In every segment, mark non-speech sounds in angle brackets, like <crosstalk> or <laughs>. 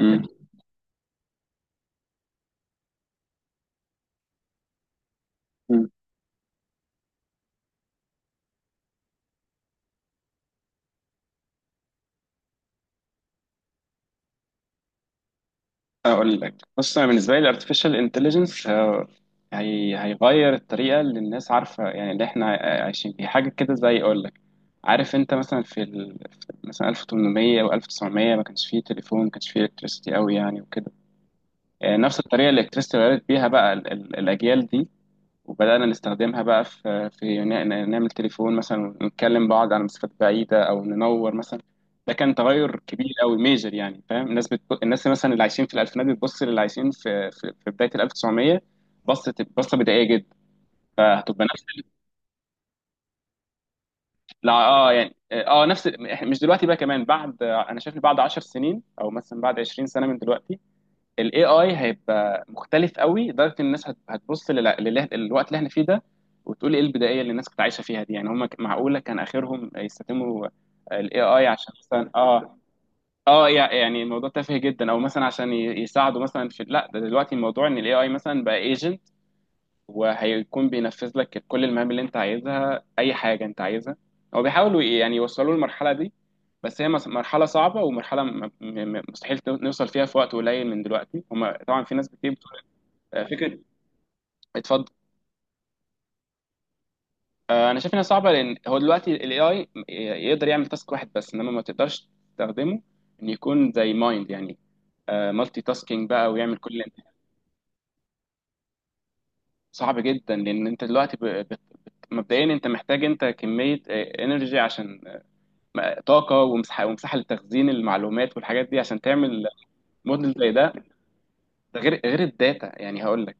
مم. مم. اقول لك بص، انا بالنسبه لي الارتفيشال انتليجنس هي هيغير الطريقه اللي الناس عارفه، يعني اللي احنا عايشين فيها، حاجه كده زي اقول لك. عارف انت مثلا في مثلا 1800 او 1900 ما كانش فيه تليفون، ما كانش فيه الكتريستي قوي يعني وكده. نفس الطريقه اللي الكتريستي غيرت بيها بقى الاجيال دي، وبدأنا نستخدمها بقى في نعمل تليفون مثلا ونتكلم بعض على مسافات بعيدة، أو ننور مثلا. ده كان تغير كبير أوي، ميجر يعني، فاهم. الناس مثلا اللي عايشين في الألفينات بتبص للي عايشين في بداية ال 1900، بصة بصة بدائية جدا. فهتبقى لا نفس مش دلوقتي بقى، كمان بعد، انا شايف إن بعد 10 سنين او مثلا بعد 20 سنة من دلوقتي ال AI هيبقى مختلف قوي، لدرجة ان الناس هتبص للوقت اللي احنا فيه ده وتقول ايه البدائية اللي الناس كانت عايشة فيها دي. يعني هم معقولة كان اخرهم يستخدموا ال AI عشان مثلا يعني الموضوع تافه جدا، او مثلا عشان يساعدوا مثلا في، لا ده دلوقتي الموضوع ان ال AI مثلا بقى ايجنت، وهيكون بينفذ لك كل المهام اللي انت عايزها، اي حاجة انت عايزها. هو بيحاولوا يعني يوصلوا للمرحلة دي، بس هي مرحلة صعبة ومرحلة مستحيل نوصل فيها في وقت قليل من دلوقتي. هما طبعا في ناس كتير. فكره. اتفضل. انا شايف انها صعبه لان هو دلوقتي الاي اي يقدر يعمل تاسك واحد بس، انما ما تقدرش تستخدمه ان يكون زي مايند يعني، مالتي تاسكينج بقى، ويعمل كل اللي انت. صعب جدا لان انت دلوقتي مبدئيا انت محتاج، انت كميه انرجي عشان طاقه ومساحه لتخزين المعلومات والحاجات دي، عشان تعمل موديل زي ده. ده غير الداتا، يعني هقول لك،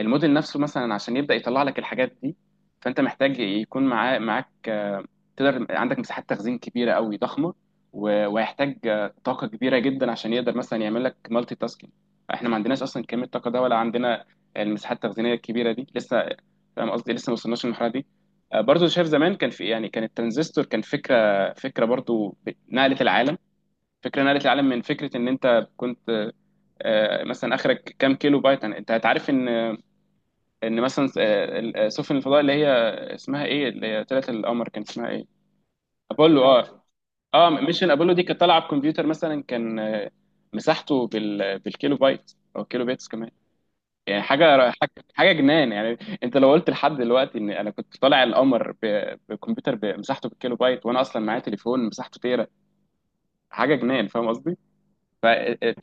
الموديل نفسه مثلا عشان يبدأ يطلع لك الحاجات دي، فانت محتاج يكون معاه معاك تقدر، عندك مساحات تخزين كبيرة قوي، ضخمة. وهيحتاج طاقة كبيرة جدا عشان يقدر مثلا يعمل لك مالتي تاسكينج. احنا ما عندناش اصلا كمية الطاقة ده، ولا عندنا المساحات التخزينية الكبيرة دي لسه، فاهم قصدي؟ لسه ما وصلناش للمرحلة دي. برضو شايف زمان كان في، يعني كان الترانزستور كان فكرة برضو نقلت العالم، فكرة نقلت العالم، من فكرة ان انت كنت مثلا اخرك كام كيلو بايت، انت هتعرف ان ان مثلا سفن الفضاء اللي هي اسمها ايه، اللي هي طلعت القمر، كان اسمها ايه. ابولو، اه، اه ميشن ابولو دي كانت طالعه بكمبيوتر مثلا كان مساحته بالكيلو بايت، او كيلو بيتس كمان. يعني حاجه حاجه حاجة جنان يعني. انت لو قلت لحد دلوقتي ان انا كنت طالع القمر بكمبيوتر بمساحته بالكيلو بايت، وانا اصلا معايا تليفون مساحته تيرا، حاجه جنان، فاهم قصدي؟ ف... آه، آه،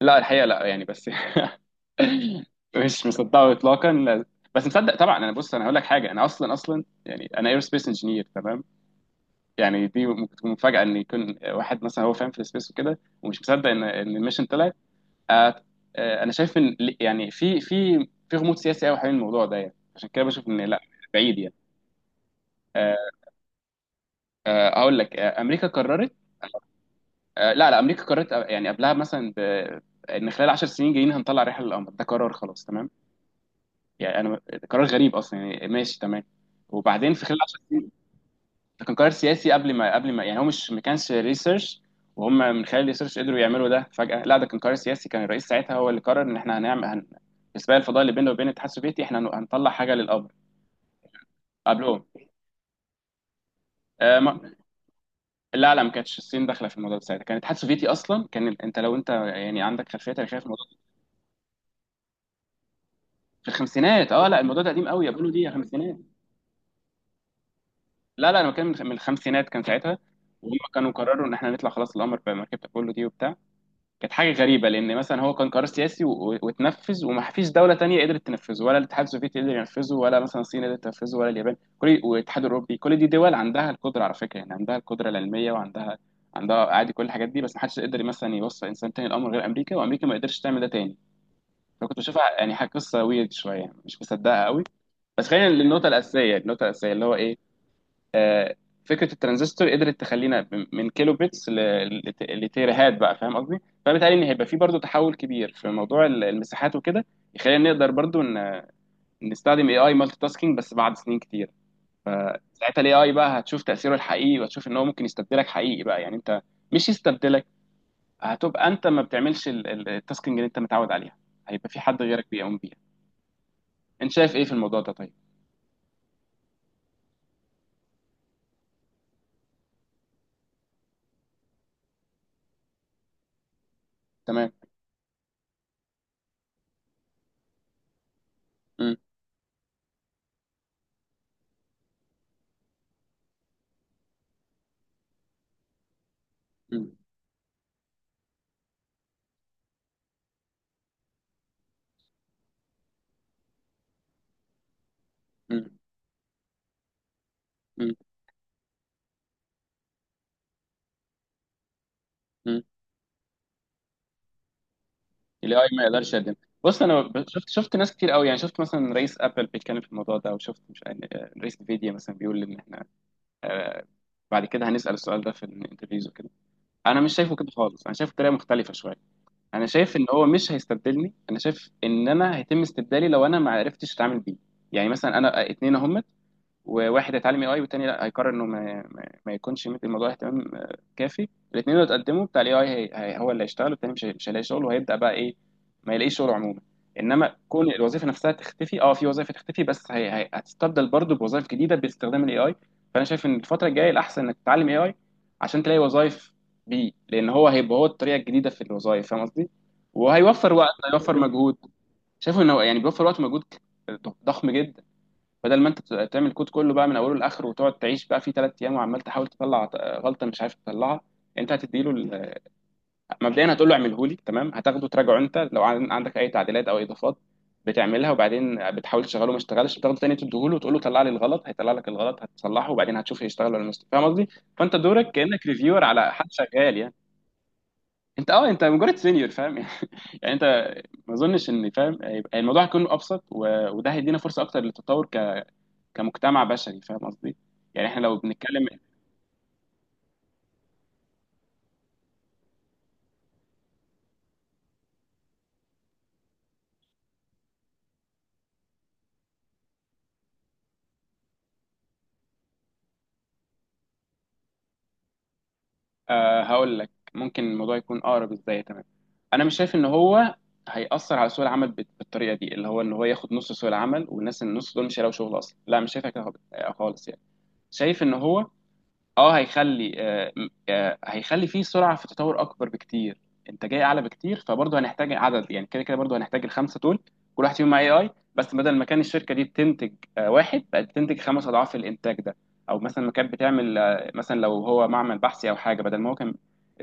لا الحقيقه لا يعني، بس <laughs> مش مصدقه اطلاقا بس مصدق طبعا. انا بص، انا هقول لك حاجه، انا اصلا، يعني انا ايرو سبيس انجينير تمام، يعني دي ممكن تكون مفاجاه ان يكون واحد مثلا هو فاهم في السبيس وكده ومش مصدق ان الميشن طلعت. آه، انا شايف ان يعني في في غموض سياسي قوي حوالين الموضوع ده، يعني عشان كده بشوف ان لا، بعيد يعني. آه، اقول لك، امريكا قررت، لا لا، امريكا قررت، يعني قبلها مثلا ان خلال 10 سنين جايين هنطلع رحله للقمر، ده قرار خلاص تمام. يعني انا، قرار غريب اصلا يعني، ماشي تمام، وبعدين في خلال 10 سنين. ده كان قرار سياسي قبل ما يعني، هو مش ما كانش ريسيرش وهم من خلال الريسيرش قدروا يعملوا ده فجأة، لا ده كان قرار سياسي، كان الرئيس ساعتها هو اللي قرر ان احنا في سباق الفضاء اللي بيننا وبين الاتحاد السوفيتي احنا هنطلع حاجه للقمر. قبلهم. آه ما... لا لا، ما كانتش الصين داخله في الموضوع ده ساعتها، كان الاتحاد السوفيتي اصلا، كان انت لو يعني عندك خلفيه تاريخيه في الموضوع ده. في الخمسينات اه، لا الموضوع ده قديم قوي، يا بيقولوا دي يا خمسينات. لا لا، انا بتكلم من الخمسينات كان ساعتها، وهم كانوا قرروا ان احنا نطلع خلاص القمر بمركبة ابولو دي وبتاع. كانت حاجه غريبه لان مثلا هو كان قرار سياسي، واتنفذ، وما فيش دوله تانية قدرت تنفذه، ولا الاتحاد السوفيتي قدر ينفذه، ولا مثلا الصين قدرت تنفذه، ولا اليابان، كل والاتحاد الاوروبي، كل دي دول عندها القدره على فكره، يعني عندها القدره العلميه وعندها، عندها عادي كل الحاجات دي، بس ما حدش قدر مثلا يوصل انسان تاني القمر غير امريكا، وامريكا ما قدرتش تعمل ده تاني، فكنت بشوفها يعني حاجه قصه ويرد شويه مش مصدقها قوي. بس خلينا للنقطه الاساسيه، النقطه الاساسيه اللي هو ايه. آه، فكره الترانزستور قدرت تخلينا من كيلو بيتس لتيرهات بقى، فاهم قصدي. فبالتالي ان هيبقى في برضو تحول كبير في موضوع المساحات وكده، يخلينا نقدر برضو ان نستخدم اي اي مالتي تاسكينج، بس بعد سنين كتير. فساعتها الاي اي بقى هتشوف تاثيره الحقيقي، وهتشوف ان هو ممكن يستبدلك حقيقي بقى، يعني انت، مش يستبدلك، هتبقى انت ما بتعملش التاسكينج اللي انت متعود عليها، هيبقى في حد غيرك بيقوم بيها. انت شايف ايه في الموضوع ده طيب. تمام. م- م- م- م- م- الاي ما يقدرش يقدم. بص انا شفت ناس كتير قوي يعني، شفت مثلا رئيس ابل بيتكلم في الموضوع ده، وشفت مش رئيس نفيديا مثلا بيقول ان احنا آه، بعد كده هنسال السؤال ده في الانترفيوز وكده. انا مش شايفه كده خالص، انا شايفه بطريقه مختلفه شويه. انا شايف ان هو مش هيستبدلني، انا شايف ان انا هيتم استبدالي لو انا ما عرفتش اتعامل بيه. يعني مثلا انا اتنين اهم، وواحد هيتعلم اي اي والتاني لا، هيقرر انه ما يكونش مدي الموضوع اهتمام كافي. الاثنين لو اتقدموا بتاع الاي اي، هو اللي هيشتغل، والتاني مش هيلاقي شغل، وهيبدا بقى ايه، ما يلاقيش شغل عموما. انما كون الوظيفه نفسها تختفي، اه في وظائف تختفي، بس هتستبدل برضه بوظائف جديده باستخدام الاي اي. فانا شايف ان الفتره الجايه الاحسن انك تتعلم اي اي عشان تلاقي وظائف بيه، لان هو هيبقى هو الطريقه الجديده في الوظائف، فاهم قصدي، وهيوفر وقت هيوفر مجهود. شايفه انه يعني بيوفر وقت ومجهود ضخم جدا. بدل ما انت تعمل كود كله بقى من اوله لاخره وتقعد تعيش بقى فيه ثلاث ايام وعمال تحاول تطلع غلطه مش عارف تطلعها، انت هتديله مبدئيا هتقول له اعمله لي، تمام، هتاخده تراجعه، انت لو عندك اي تعديلات او اضافات بتعملها، وبعدين بتحاول تشغله، ما اشتغلش، بتاخده تاني تديه له وتقول له طلع لي الغلط، هيطلع لك الغلط هتصلحه، وبعدين هتشوف هيشتغل ولا مش، فاهم قصدي. فانت دورك كانك ريفيور على حد شغال يعني. انت انت مجرد سينيور فاهم <laughs> يعني انت، ما اظنش ان، فاهم، هيبقى الموضوع هيكون ابسط، وده هيدينا فرصه اكتر للتطور كمجتمع بشري، فاهم قصدي. يعني احنا لو بنتكلم. آه هقول لك ممكن الموضوع يكون اقرب ازاي تمام. انا مش شايف ان هو هيأثر على سوق العمل بالطريقه دي، اللي هو ان هو ياخد نص سوق العمل والناس النص دول مش هيلاقوا شغل اصلا، لا مش شايفها كده خالص يعني. شايف ان هو، اه هيخلي هيخلي فيه سرعه في تطور اكبر بكتير، انتاجيه اعلى بكتير، فبرضه هنحتاج عدد يعني، كده كده برضه هنحتاج الخمسه دول، كل واحد فيهم مع اي اي، بس بدل ما كان الشركه دي بتنتج واحد، بقت بتنتج خمس اضعاف الانتاج ده. او مثلا ما كانت بتعمل مثلا، لو هو معمل بحثي او حاجه، بدل ما هو كان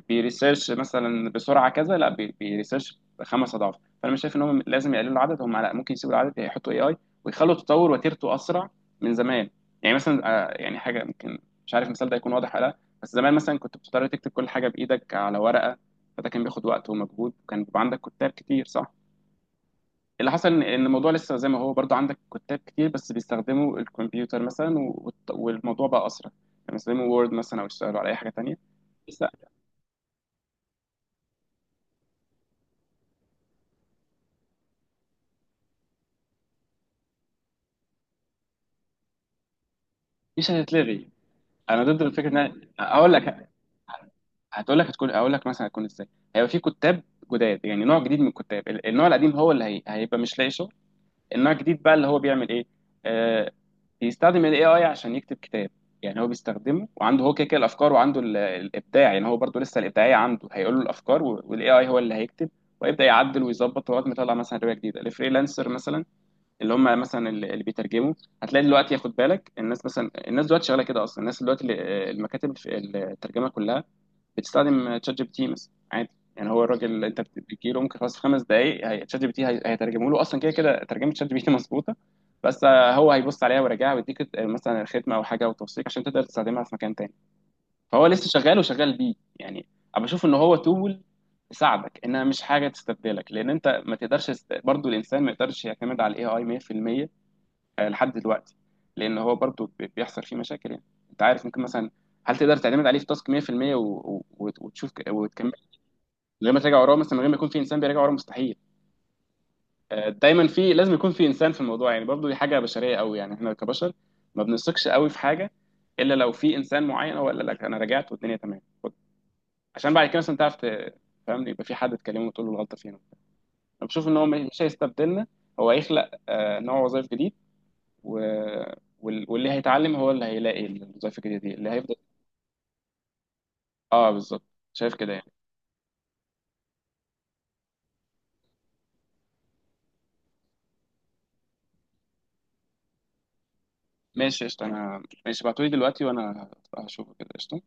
بيريسيرش مثلا بسرعه كذا، لا بيريسيرش خمس اضعاف. فانا مش شايف ان هم لازم يقللوا العدد، هم لا، ممكن يسيبوا العدد يحطوا اي اي، ويخلوا التطور وتيرته اسرع من زمان. يعني مثلا يعني حاجه ممكن، مش عارف المثال ده هيكون واضح ولا لا، بس زمان مثلا كنت بتضطر تكتب كل حاجه بايدك على ورقه، فده كان بياخد وقت ومجهود، وكان بيبقى عندك كتاب كتير، صح. اللي حصل ان الموضوع لسه زي ما هو، برضه عندك كتاب كتير، بس بيستخدموا الكمبيوتر مثلا، والموضوع بقى اسرع، لما يستخدموا وورد مثلا او يشتغلوا على اي حاجه تانيه. بس لا، مش هتتلغي. انا ضد الفكره ان اقول لك، هتقول لك هتكون اقول لك مثلا هتكون ازاي. هيبقى في كتاب جداد، يعني نوع جديد من الكتاب. النوع القديم هو هيبقى مش لاقي شغل، النوع الجديد بقى اللي هو بيعمل ايه، آه بيستخدم الاي اي عشان يكتب كتاب. يعني هو بيستخدمه وعنده هو كده كده الافكار، وعنده الابداع، يعني هو برضو لسه الابداعيه عنده، هيقول له الافكار والاي اي هو اللي هيكتب، ويبدا يعدل ويظبط لغايه ما يطلع مثلا روايه جديده. الفريلانسر مثلا، اللي هم مثلا اللي بيترجموا، هتلاقي دلوقتي، ياخد بالك، الناس مثلا، الناس دلوقتي شغاله كده اصلا، الناس دلوقتي المكاتب الترجمه كلها بتستخدم تشات جي بي تي مثلا عادي. يعني هو الراجل انت بتجيله ممكن خلاص في خمس دقائق تشات جي بي تي هيترجمه له اصلا، كده كده ترجمه تشات جي بي تي <laughs> مظبوطه. بس هو هيبص عليها ويراجعها ويديك مثلا الختمه او حاجه وتوثيق عشان تقدر تستخدمها في مكان تاني. فهو لسه شغال وشغال بيه يعني. انا بشوف ان هو تول تساعدك، انها مش حاجه تستبدلك، لان انت ما تقدرش برضو الانسان ما يقدرش يعتمد على الاي اي مية في المية، لحد دلوقتي، لان هو برضو بيحصل فيه مشاكل يعني. انت عارف ممكن مثلا هل تقدر تعتمد عليه في تاسك 100%، وتشوف وتكمل من غير ما تراجع وراه، مثلا من غير ما يكون في انسان بيراجع وراه مستحيل. دايما في، لازم يكون في انسان في الموضوع، يعني برضو دي حاجه بشريه قوي، يعني احنا كبشر ما بنثقش قوي في حاجه الا لو في انسان معين هو قال لك انا رجعت والدنيا تمام، خد، عشان بعد كده مثلا تعرف فاهمني، يبقى في حد تكلمه وتقول له الغلطه فين. انا بشوف ان هو مش هيستبدلنا، هو هيخلق نوع وظائف جديد، و... واللي هيتعلم هو اللي هيلاقي الوظائف الجديدة دي اللي هيفضل. اه بالظبط، شايف كده يعني. ماشي قشطة، انا ماشي، ابعتولي دلوقتي وانا هشوفه، كده قشطة.